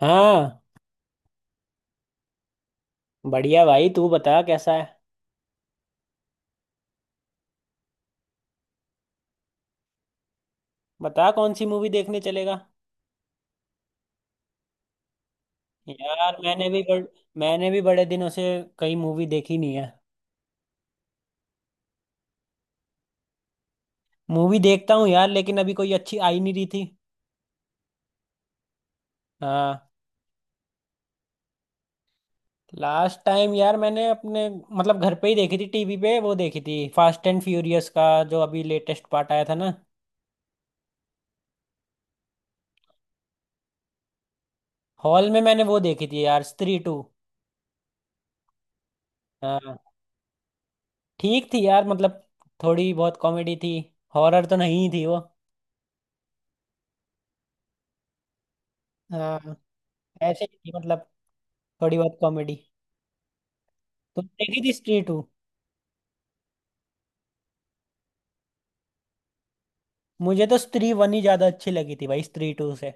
हाँ, बढ़िया भाई। तू बता कैसा है? बता, कौन सी मूवी देखने चलेगा? यार, मैंने भी बड़े दिनों से कई मूवी देखी नहीं है। मूवी देखता हूँ यार, लेकिन अभी कोई अच्छी आई नहीं रही थी। हाँ। लास्ट टाइम यार मैंने अपने मतलब घर पे ही देखी थी, टीवी पे वो देखी थी, फास्ट एंड फ्यूरियस का जो अभी लेटेस्ट पार्ट आया था ना। हॉल में मैंने वो देखी थी यार, स्त्री टू। हाँ। ठीक थी यार मतलब, थोड़ी बहुत कॉमेडी थी। हॉरर तो नहीं थी वो। हाँ, ऐसे ही थी मतलब, थोड़ी बहुत कॉमेडी। तुम देखी थी स्त्री टू? मुझे तो स्त्री वन ही ज्यादा अच्छी लगी थी भाई, स्त्री टू से।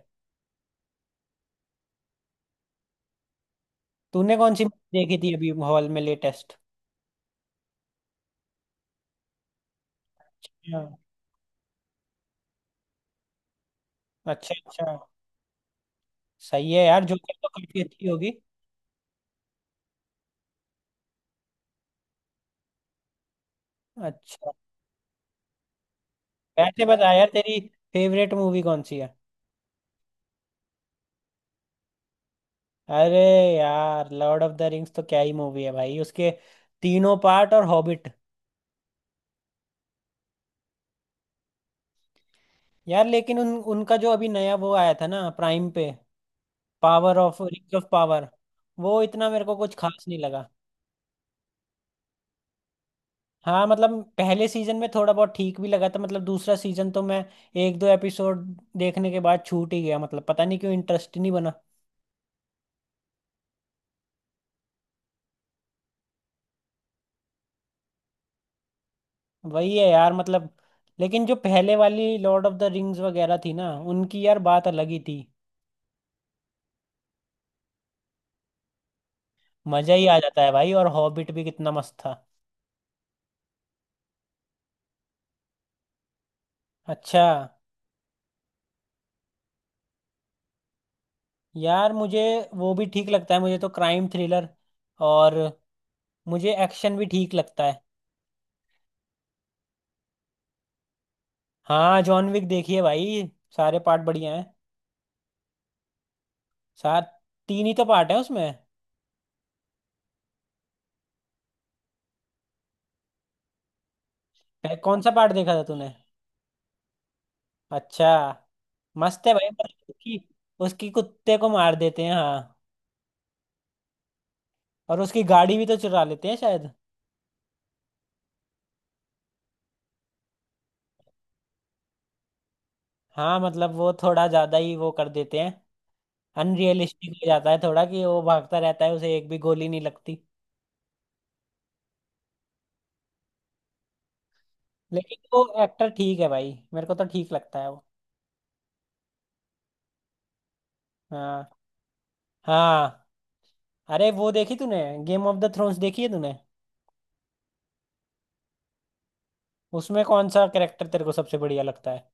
तूने कौन सी देखी थी अभी हॉल में लेटेस्ट? हाँ। अच्छा, अच्छा। सही है यार, जोकर तो काफी अच्छी होगी। अच्छा। वैसे बता यार, तेरी फेवरेट मूवी कौन सी है? अरे यार, लॉर्ड ऑफ द रिंग्स तो क्या ही मूवी है भाई। उसके तीनों पार्ट और हॉबिट। यार, लेकिन उन उनका जो अभी नया वो आया था ना प्राइम पे, power of rings of power, वो इतना मेरे को कुछ खास नहीं लगा। हाँ मतलब पहले सीजन में थोड़ा बहुत ठीक भी लगा था। मतलब दूसरा सीजन तो मैं एक दो एपिसोड देखने के बाद छूट ही गया। मतलब पता नहीं क्यों इंटरेस्ट नहीं बना। वही है यार मतलब। लेकिन जो पहले वाली लॉर्ड ऑफ द रिंग्स वगैरह थी ना, उनकी यार बात अलग ही थी। मजा ही आ जाता है भाई। और हॉबिट भी कितना मस्त था। अच्छा। यार मुझे वो भी ठीक लगता है। मुझे तो क्राइम थ्रिलर और मुझे एक्शन भी ठीक लगता है। हाँ, जॉन विक देखिए भाई। सारे पार्ट बढ़िया हैं। सात तीन ही तो पार्ट है उसमें। कौन सा पार्ट देखा था तूने? अच्छा। मस्त है भाई, पर उसकी उसकी कुत्ते को मार देते हैं। हाँ, और उसकी गाड़ी भी तो चुरा लेते हैं शायद। हाँ मतलब वो थोड़ा ज्यादा ही वो कर देते हैं। अनरियलिस्टिक हो जाता है थोड़ा, कि वो भागता रहता है उसे एक भी गोली नहीं लगती। लेकिन वो एक्टर ठीक है भाई, मेरे को तो ठीक लगता है वो। हाँ, हाँ। अरे वो देखी तूने, गेम ऑफ द थ्रोन्स देखी है तूने? उसमें कौन सा कैरेक्टर तेरे को सबसे बढ़िया लगता है?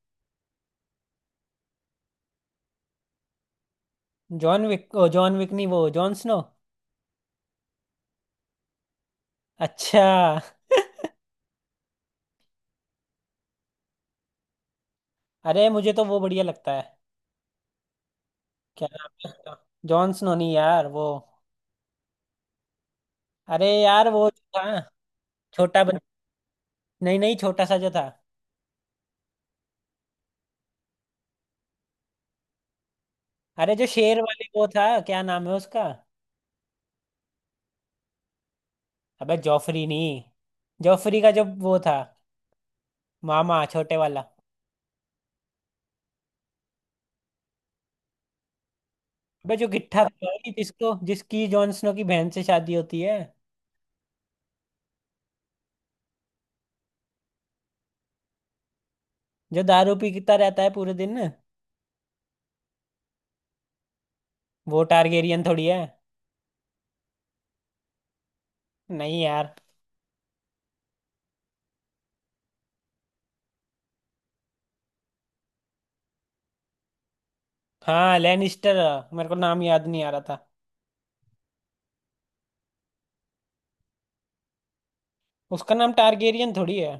जॉन विक, ओ जॉन विक नहीं, वो जॉन स्नो। अच्छा। अरे मुझे तो वो बढ़िया लगता है। क्या नाम है उसका? जॉन स्नो नहीं यार, वो अरे यार वो जो था, छोटा बन नहीं, नहीं, छोटा सा जो था। अरे जो शेर वाले वो था। क्या नाम है उसका? अबे जॉफरी नहीं। जॉफरी का जो वो था, मामा छोटे वाला। अबे जो गिट्ठा था भाई, जिसको जिसकी जॉन स्नो की बहन से शादी होती है, जो दारू पीता रहता है पूरे दिन। वो टारगेरियन थोड़ी है। नहीं यार। हाँ, लैनिस्टर। मेरे को नाम याद नहीं आ रहा था। उसका नाम टारगेरियन थोड़ी है।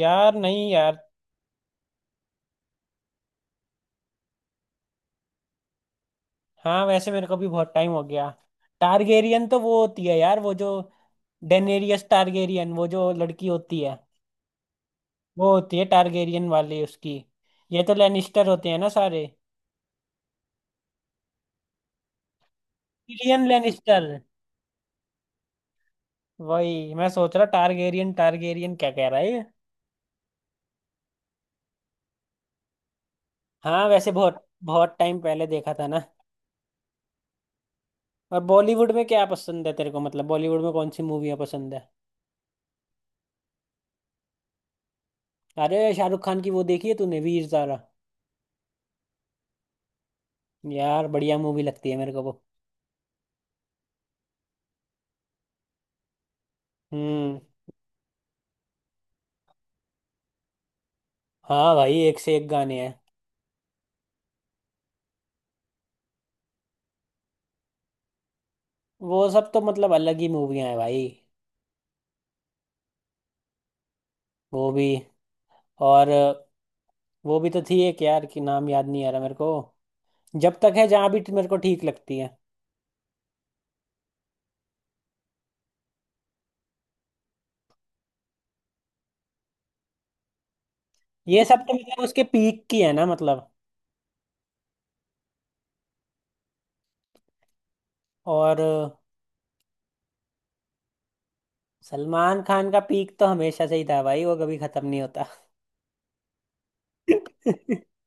यार नहीं यार। हाँ, वैसे मेरे को भी बहुत टाइम हो गया। टारगेरियन तो वो होती है यार, वो जो डेनेरियस टारगेरियन, वो जो लड़की होती है। वो होती है टारगेरियन वाली उसकी। ये तो लेनिस्टर होते हैं ना सारे। Tyrion Lannister. वही मैं सोच रहा, टारगेरियन टारगेरियन क्या कह रहा है ये। हाँ, वैसे बहुत बहुत टाइम पहले देखा था ना। और बॉलीवुड में क्या पसंद है तेरे को, मतलब बॉलीवुड में कौन सी मूवियाँ पसंद है? अरे शाहरुख खान की वो देखी है तूने, वीर ज़ारा? यार, बढ़िया मूवी लगती है मेरे को वो। हम्म। हाँ भाई, एक से एक गाने हैं। वो सब तो मतलब अलग ही मूवियां हैं भाई। वो भी। और वो भी तो थी एक यार, की नाम याद नहीं आ रहा मेरे को, जब तक है जहां भी, मेरे को ठीक लगती है। ये सब तो मतलब उसके पीक की है ना मतलब। और सलमान खान का पीक तो हमेशा से ही था भाई, वो कभी खत्म नहीं होता।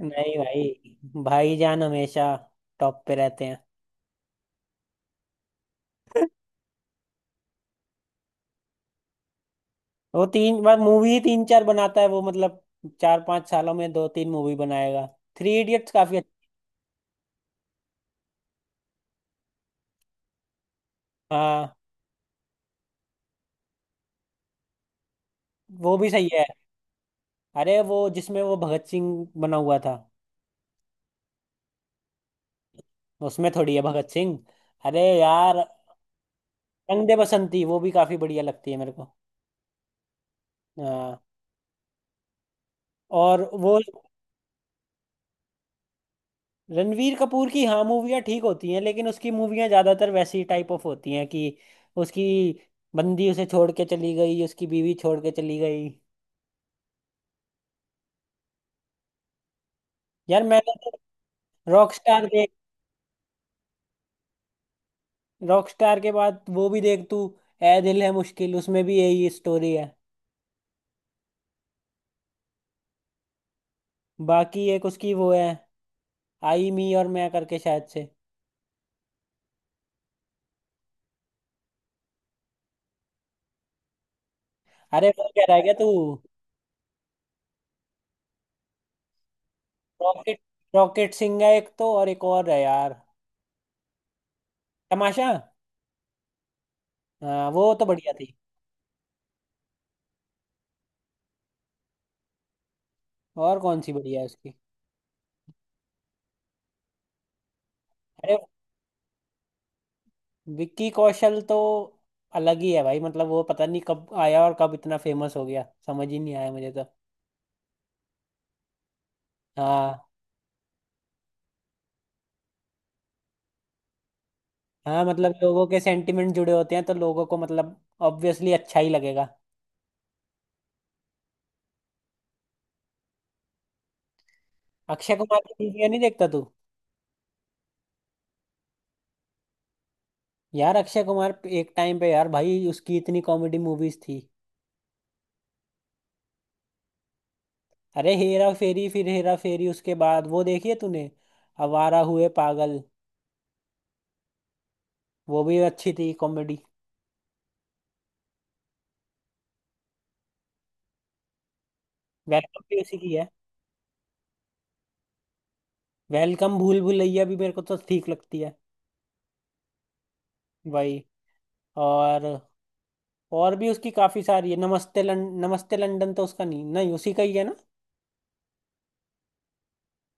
नहीं भाई, भाईजान हमेशा टॉप पे रहते हैं। वो तीन बार मूवी ही तीन चार बनाता है वो मतलब, 4-5 सालों में दो तीन मूवी बनाएगा। थ्री इडियट्स काफी अच्छा। हाँ, वो भी सही है। अरे वो जिसमें वो भगत सिंह बना हुआ था, उसमें थोड़ी है भगत सिंह। अरे यार, रंग दे बसंती, वो भी काफी बढ़िया लगती है मेरे को। हाँ। और वो रणवीर कपूर की हाँ मूवियाँ ठीक होती हैं, लेकिन उसकी मूवियाँ ज्यादातर वैसी टाइप ऑफ होती हैं कि उसकी बंदी उसे छोड़ के चली गई, उसकी बीवी छोड़ के चली गई। यार मैंने तो रॉकस्टार देख रॉकस्टार के बाद वो भी देख तू, ए दिल है मुश्किल, उसमें भी यही स्टोरी है। बाकी एक उसकी वो है, आई मी और मैं करके शायद से। अरे वो कह रहा है क्या तू? रॉकेट रॉकेट सिंह है एक तो, और एक और है यार, तमाशा। हाँ वो तो बढ़िया थी। और कौन सी बढ़िया है उसकी? अरे विक्की कौशल तो अलग ही है भाई। मतलब वो पता नहीं कब आया और कब इतना फेमस हो गया, समझ ही नहीं आया मुझे तो। हाँ। हाँ मतलब लोगों के सेंटिमेंट जुड़े होते हैं, तो लोगों को मतलब ऑब्वियसली अच्छा ही लगेगा। अक्षय कुमार की मूवियाँ नहीं देखता तू? यार अक्षय कुमार, एक टाइम पे यार भाई उसकी इतनी कॉमेडी मूवीज थी। अरे हेरा फेरी, फिर हेरा फेरी, उसके बाद वो देखी है तूने, आवारा हुए पागल? वो भी अच्छी थी कॉमेडी। वेलकम भी उसी की है। वेलकम, भूल भुलैया भी मेरे को तो ठीक लगती है। भाई। और और भी उसकी काफी सारी है, नमस्ते लंदन तो उसका, नहीं नहीं उसी का ही है ना।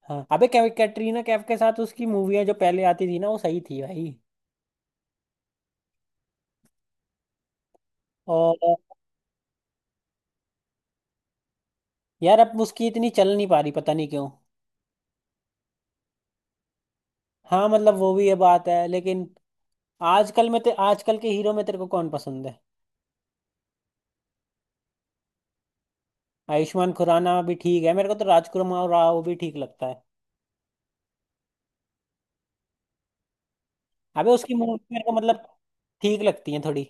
हाँ, अबे कैटरीना कैफ के साथ उसकी मूवियाँ जो पहले आती थी ना, वो सही थी भाई। और यार अब उसकी इतनी चल नहीं पा रही, पता नहीं क्यों। हाँ मतलब वो भी ये बात है, लेकिन आजकल के हीरो में तेरे को कौन पसंद है? आयुष्मान खुराना भी ठीक है, मेरे को तो राजकुमार राव भी ठीक लगता है। अबे उसकी मूवी मेरे को मतलब ठीक लगती है थोड़ी।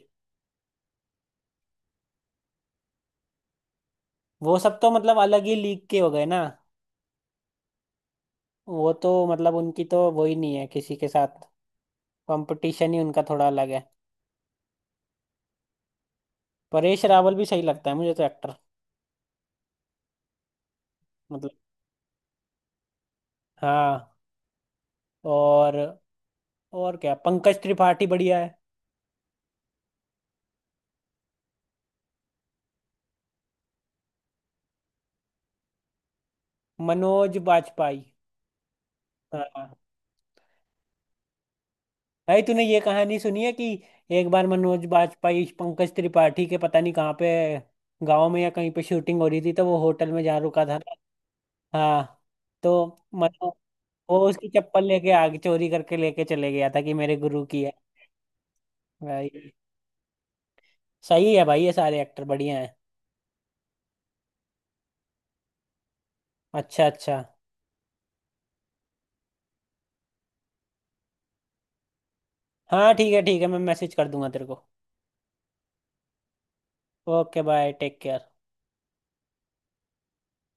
वो सब तो मतलब अलग ही लीग के हो गए ना। वो तो मतलब उनकी तो वो ही नहीं है किसी के साथ, कंपटीशन ही उनका थोड़ा अलग है। परेश रावल भी सही लगता है मुझे तो एक्टर। मतलब हाँ। और और क्या, पंकज त्रिपाठी बढ़िया है। मनोज बाजपेयी। हाँ भाई, तूने ये कहानी सुनी है कि एक बार मनोज बाजपेयी पंकज त्रिपाठी के, पता नहीं कहाँ पे, गांव में या कहीं पे शूटिंग हो रही थी, तो वो होटल में जा रुका था ना। हाँ तो मतलब वो उसकी चप्पल लेके आगे चोरी करके लेके चले गया था कि मेरे गुरु की है। भाई, सही है भाई, ये सारे एक्टर बढ़िया हैं। अच्छा, अच्छा। हाँ ठीक है, ठीक है, मैं मैसेज कर दूंगा तेरे को। Okay, bye, take care.